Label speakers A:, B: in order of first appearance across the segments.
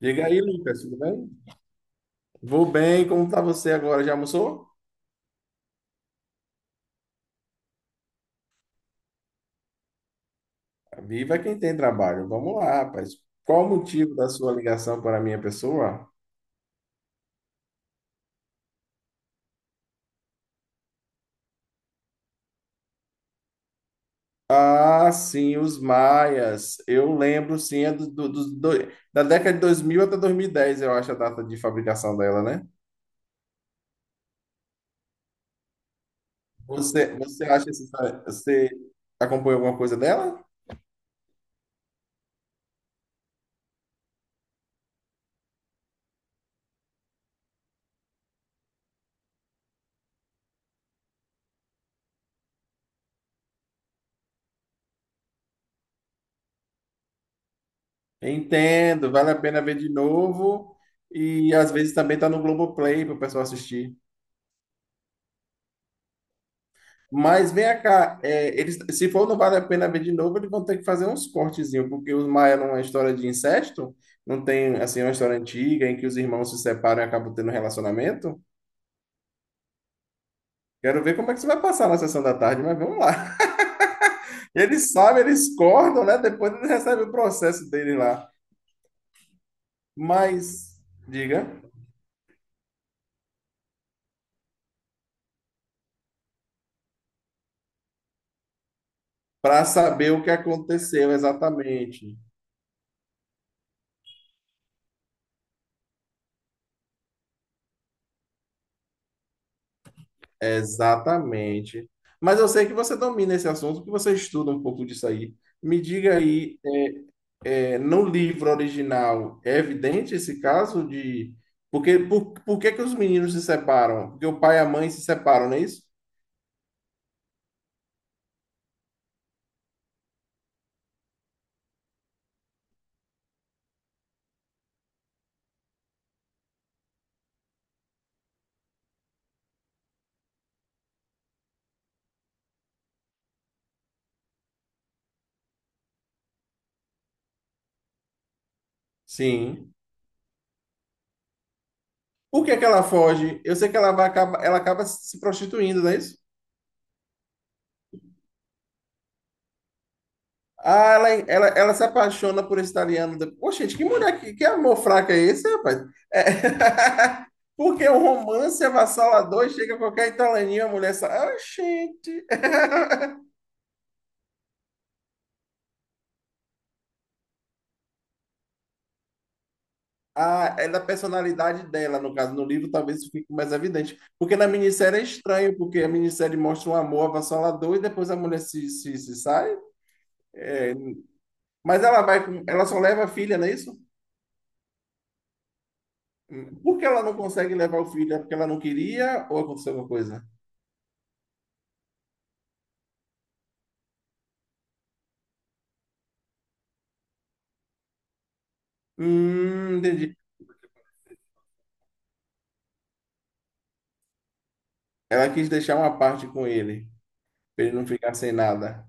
A: Diga aí, Lucas, tudo bem? Vou bem, como tá você agora? Já almoçou? Viva quem tem trabalho. Vamos lá, rapaz. Qual o motivo da sua ligação para a minha pessoa? Ah, sim, Os Maias. Eu lembro, sim, é da década de 2000 até 2010. Eu acho a data de fabricação dela, né? Você acha que você acompanha alguma coisa dela? Entendo, vale a pena ver de novo. E às vezes também tá no Globoplay para o pessoal assistir. Mas vem cá, eles, se for não vale a pena ver de novo, eles vão ter que fazer uns cortezinhos, porque Os Maia não é uma história de incesto, não tem assim uma história antiga em que os irmãos se separam e acabam tendo um relacionamento. Quero ver como é que isso vai passar na sessão da tarde, mas vamos lá. Eles sabem, eles cortam, né? Depois eles recebem o processo dele lá. Mas, diga, para saber o que aconteceu exatamente. Exatamente. Mas eu sei que você domina esse assunto, que você estuda um pouco disso aí. Me diga aí. É, no livro original, é evidente esse caso de. Porque, por que que os meninos se separam? Porque o pai e a mãe se separam, não é isso? Sim. Por que que ela foge? Eu sei que ela acaba se prostituindo, não é isso? Ah, ela se apaixona por esse italiano. Poxa, gente, que mulher, que amor fraco é esse, rapaz? É. Porque o romance avassalador e chega a qualquer italianinho, a mulher sai. Ah, gente. Ah, é da personalidade dela, no caso, no livro talvez isso fique mais evidente. Porque na minissérie é estranho, porque a minissérie mostra um amor avassalador e depois a mulher se sai. Mas ela só leva a filha, não é isso? Hum. Por que ela não consegue levar o filho? É porque ela não queria ou aconteceu alguma coisa? Entendi. Ela quis deixar uma parte com ele, para ele não ficar sem nada.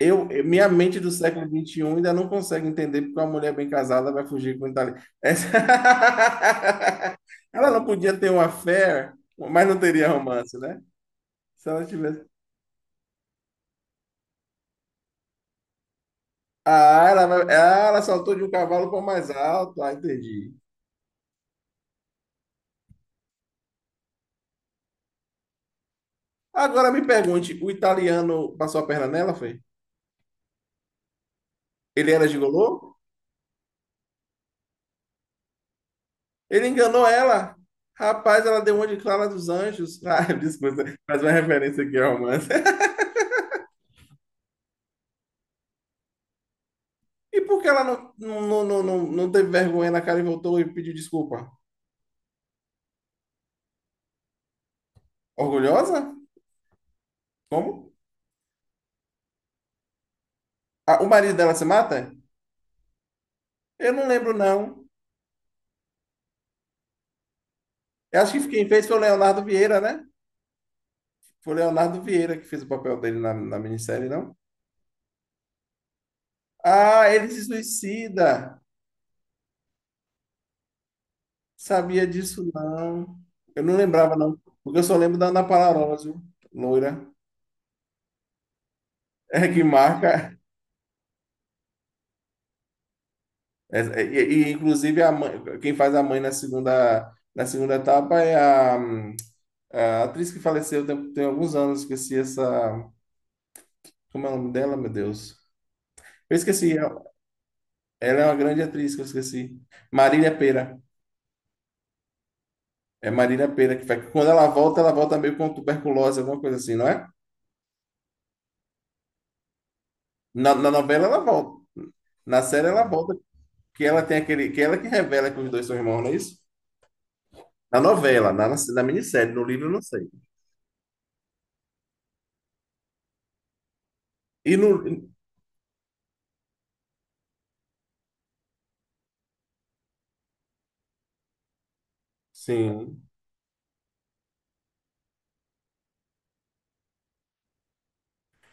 A: Minha mente do século XXI ainda não consegue entender porque uma mulher bem casada vai fugir com um italiano. Essa. Ela não podia ter uma fé, mas não teria romance, né? Se ela tivesse. Ah, ela saltou de um cavalo para o mais alto. Ah, entendi. Agora me pergunte, o italiano passou a perna nela, foi? Ele era gigolô? Ele enganou ela. Rapaz, ela deu uma de Clara dos Anjos. Ah, desculpa, faz uma referência aqui ao romance. E por que ela não teve vergonha na cara e voltou e pediu desculpa? Orgulhosa? Como? Ah, o marido dela se mata? Eu não lembro, não. Eu acho que quem fez foi o Leonardo Vieira, né? Foi o Leonardo Vieira que fez o papel dele na minissérie, não? Ah, ele se suicida. Sabia disso, não. Eu não lembrava, não. Porque eu só lembro da Ana Palarola, viu? Loira. É que marca. Inclusive, a mãe, quem faz a mãe na segunda, etapa é a atriz que faleceu tem alguns anos. Esqueci essa. Como é o nome dela, meu Deus? Eu esqueci. Ela é uma grande atriz que eu esqueci. Marília Pera. É Marina Pera que faz. Quando ela volta meio com tuberculose, alguma coisa assim, não é? Na novela ela volta. Na série ela volta, que ela tem aquele. Que ela que revela que os dois são irmãos, não é isso? Na novela, na minissérie, no livro eu não sei. E no. Sim.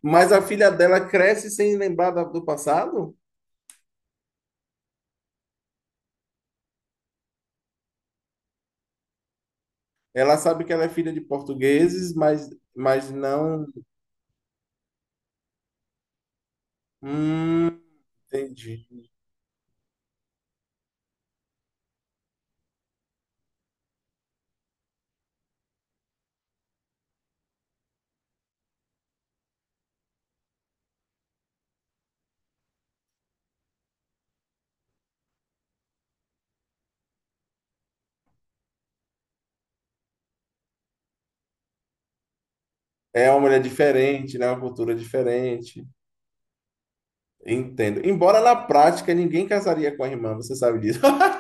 A: Mas a filha dela cresce sem lembrar do passado? Ela sabe que ela é filha de portugueses, mas não. Hum, entendi. É uma mulher diferente, né? Uma cultura diferente. Entendo. Embora na prática ninguém casaria com a irmã, você sabe disso.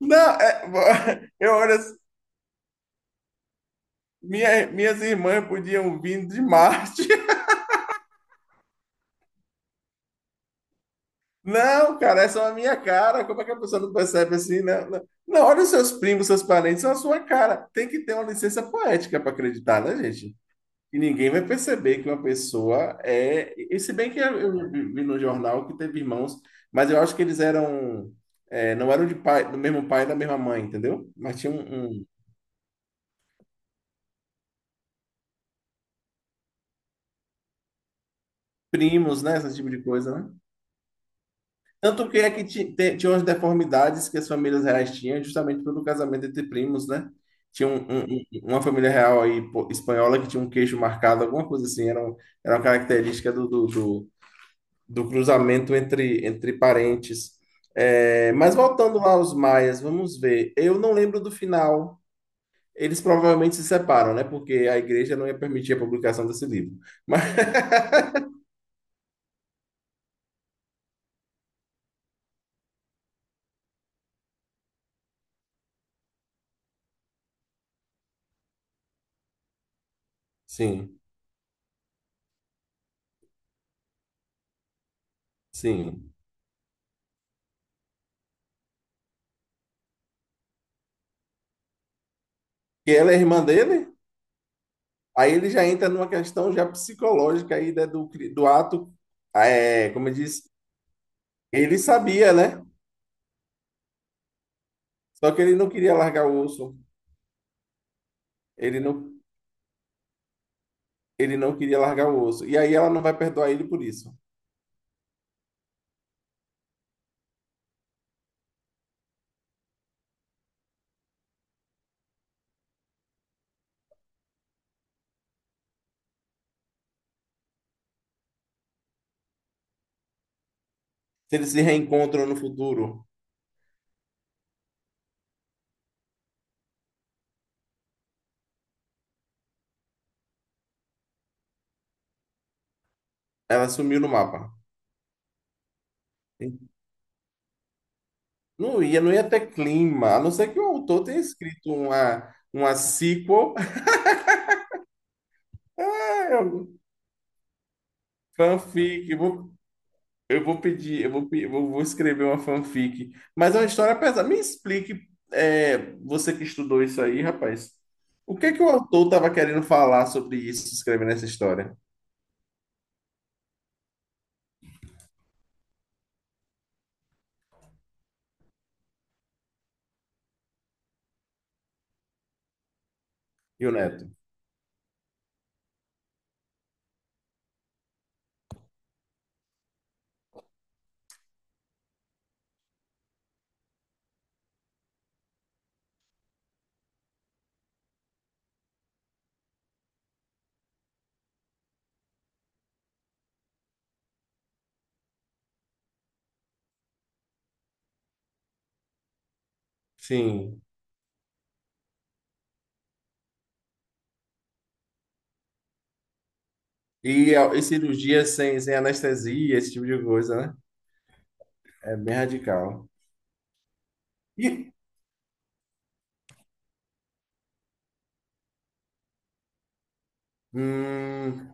A: Não, eu olho, assim, minhas irmãs podiam vir de Marte. Não, cara, essa é a minha cara. Como é que a pessoa não percebe assim? Não, não. Não, olha os seus primos, seus parentes, são a sua cara. Tem que ter uma licença poética para acreditar, né, gente? E ninguém vai perceber que uma pessoa é. E se bem que eu vi no jornal que teve irmãos, mas eu acho que eles eram. Não eram de pai, do mesmo pai e da mesma mãe, entendeu? Mas tinha um primos, né? Esse tipo de coisa, né? Tanto que é que tinham as deformidades que as famílias reais tinham, justamente pelo casamento entre primos, né? Tinha um- uma família real aí, pô, espanhola que tinha um queixo marcado, alguma coisa assim, era uma característica do cruzamento entre parentes. É, mas voltando lá aos Maias, vamos ver. Eu não lembro do final. Eles provavelmente se separam, né? Porque a igreja não ia permitir a publicação desse livro. Mas, sim, sim. E ela é irmã dele? Aí ele já entra numa questão já psicológica aí né, do ato, como eu disse, ele sabia, né? Só que ele não queria largar o osso. Ele não, ele não queria largar o osso. E aí ela não vai perdoar ele por isso. Se eles se reencontram no futuro, ela sumiu no mapa. Não ia ter clima, a não ser que o autor tenha escrito uma sequel, fanfic. Eu vou pedir, eu vou escrever uma fanfic, mas é uma história pesada. Me explique, você que estudou isso aí, rapaz, o que é que o autor estava querendo falar sobre isso, escrevendo essa história? E o neto? Sim. E cirurgia sem anestesia, esse tipo de coisa, né? É bem radical. E, hum,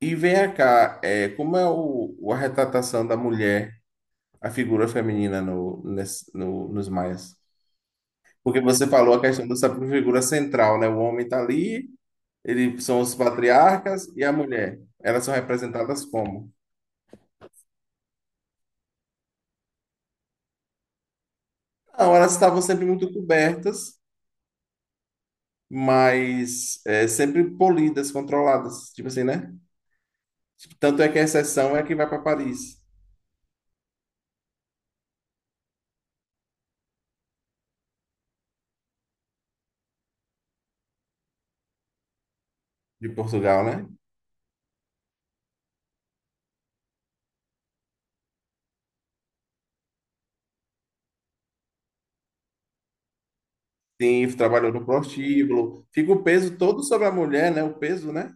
A: e vem cá, como é a retratação da mulher, a figura feminina no, nesse- no, nos Maias? Porque você falou a questão dessa figura central, né? O homem está ali, eles são os patriarcas e a mulher. Elas são representadas como? Não, elas estavam sempre muito cobertas, mas sempre polidas, controladas, tipo assim, né? Tanto é que a exceção é que vai para Paris, de Portugal, né? Sim, trabalhou no prostíbulo, fica o peso todo sobre a mulher, né? O peso, né?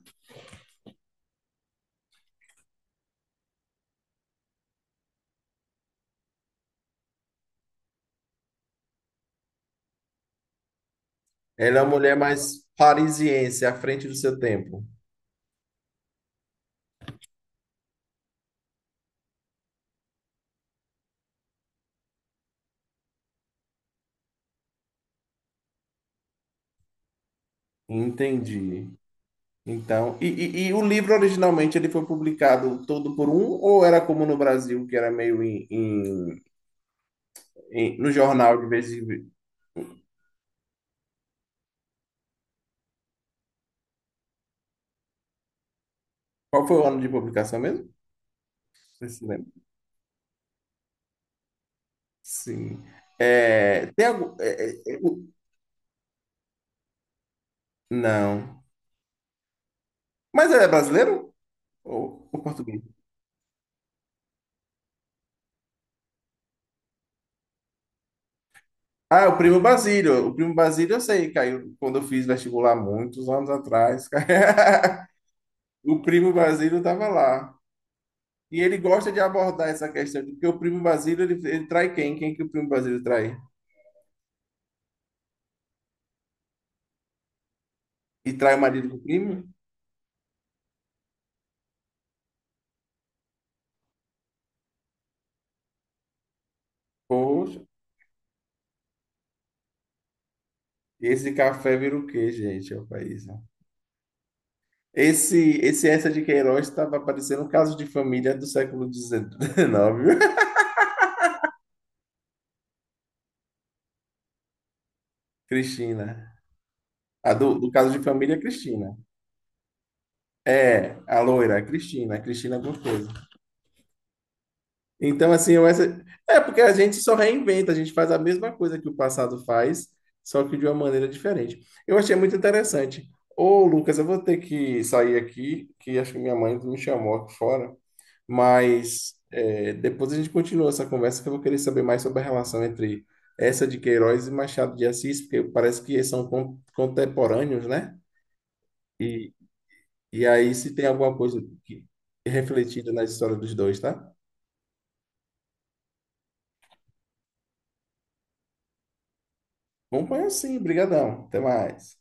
A: Ela é uma mulher mais parisiense, à frente do seu tempo. Entendi. Então, e o livro originalmente ele foi publicado todo por um, ou era como no Brasil, que era meio no jornal de vez em vez? Qual foi o ano de publicação mesmo? Você se lembra? Sim. É, tem algum. Não. Mas ele é brasileiro ou português? Ah, o Primo Basílio. O Primo Basílio eu sei, caiu quando eu fiz vestibular muitos anos atrás. O Primo Basílio estava lá. E ele gosta de abordar essa questão de que o primo Basílio, ele trai quem? Quem que o primo Basílio trai? E trai o marido do primo? Poxa, esse café vira o quê, gente? É o país, né? Esse essa de Queiroz estava aparecendo um caso de família do século XIX. Cristina. A do caso de família, é Cristina. É, a loira, a Cristina alguma coisa. Então, assim, é porque a gente só reinventa, a gente faz a mesma coisa que o passado faz, só que de uma maneira diferente. Eu achei muito interessante. Ô, Lucas, eu vou ter que sair aqui, que acho que minha mãe me chamou aqui fora, mas depois a gente continua essa conversa, que eu vou querer saber mais sobre a relação entre essa de Queiroz e Machado de Assis, porque parece que eles são contemporâneos, né? E, e aí, se tem alguma coisa refletida na história dos dois, tá? Vamos pôr assim, brigadão. Até mais.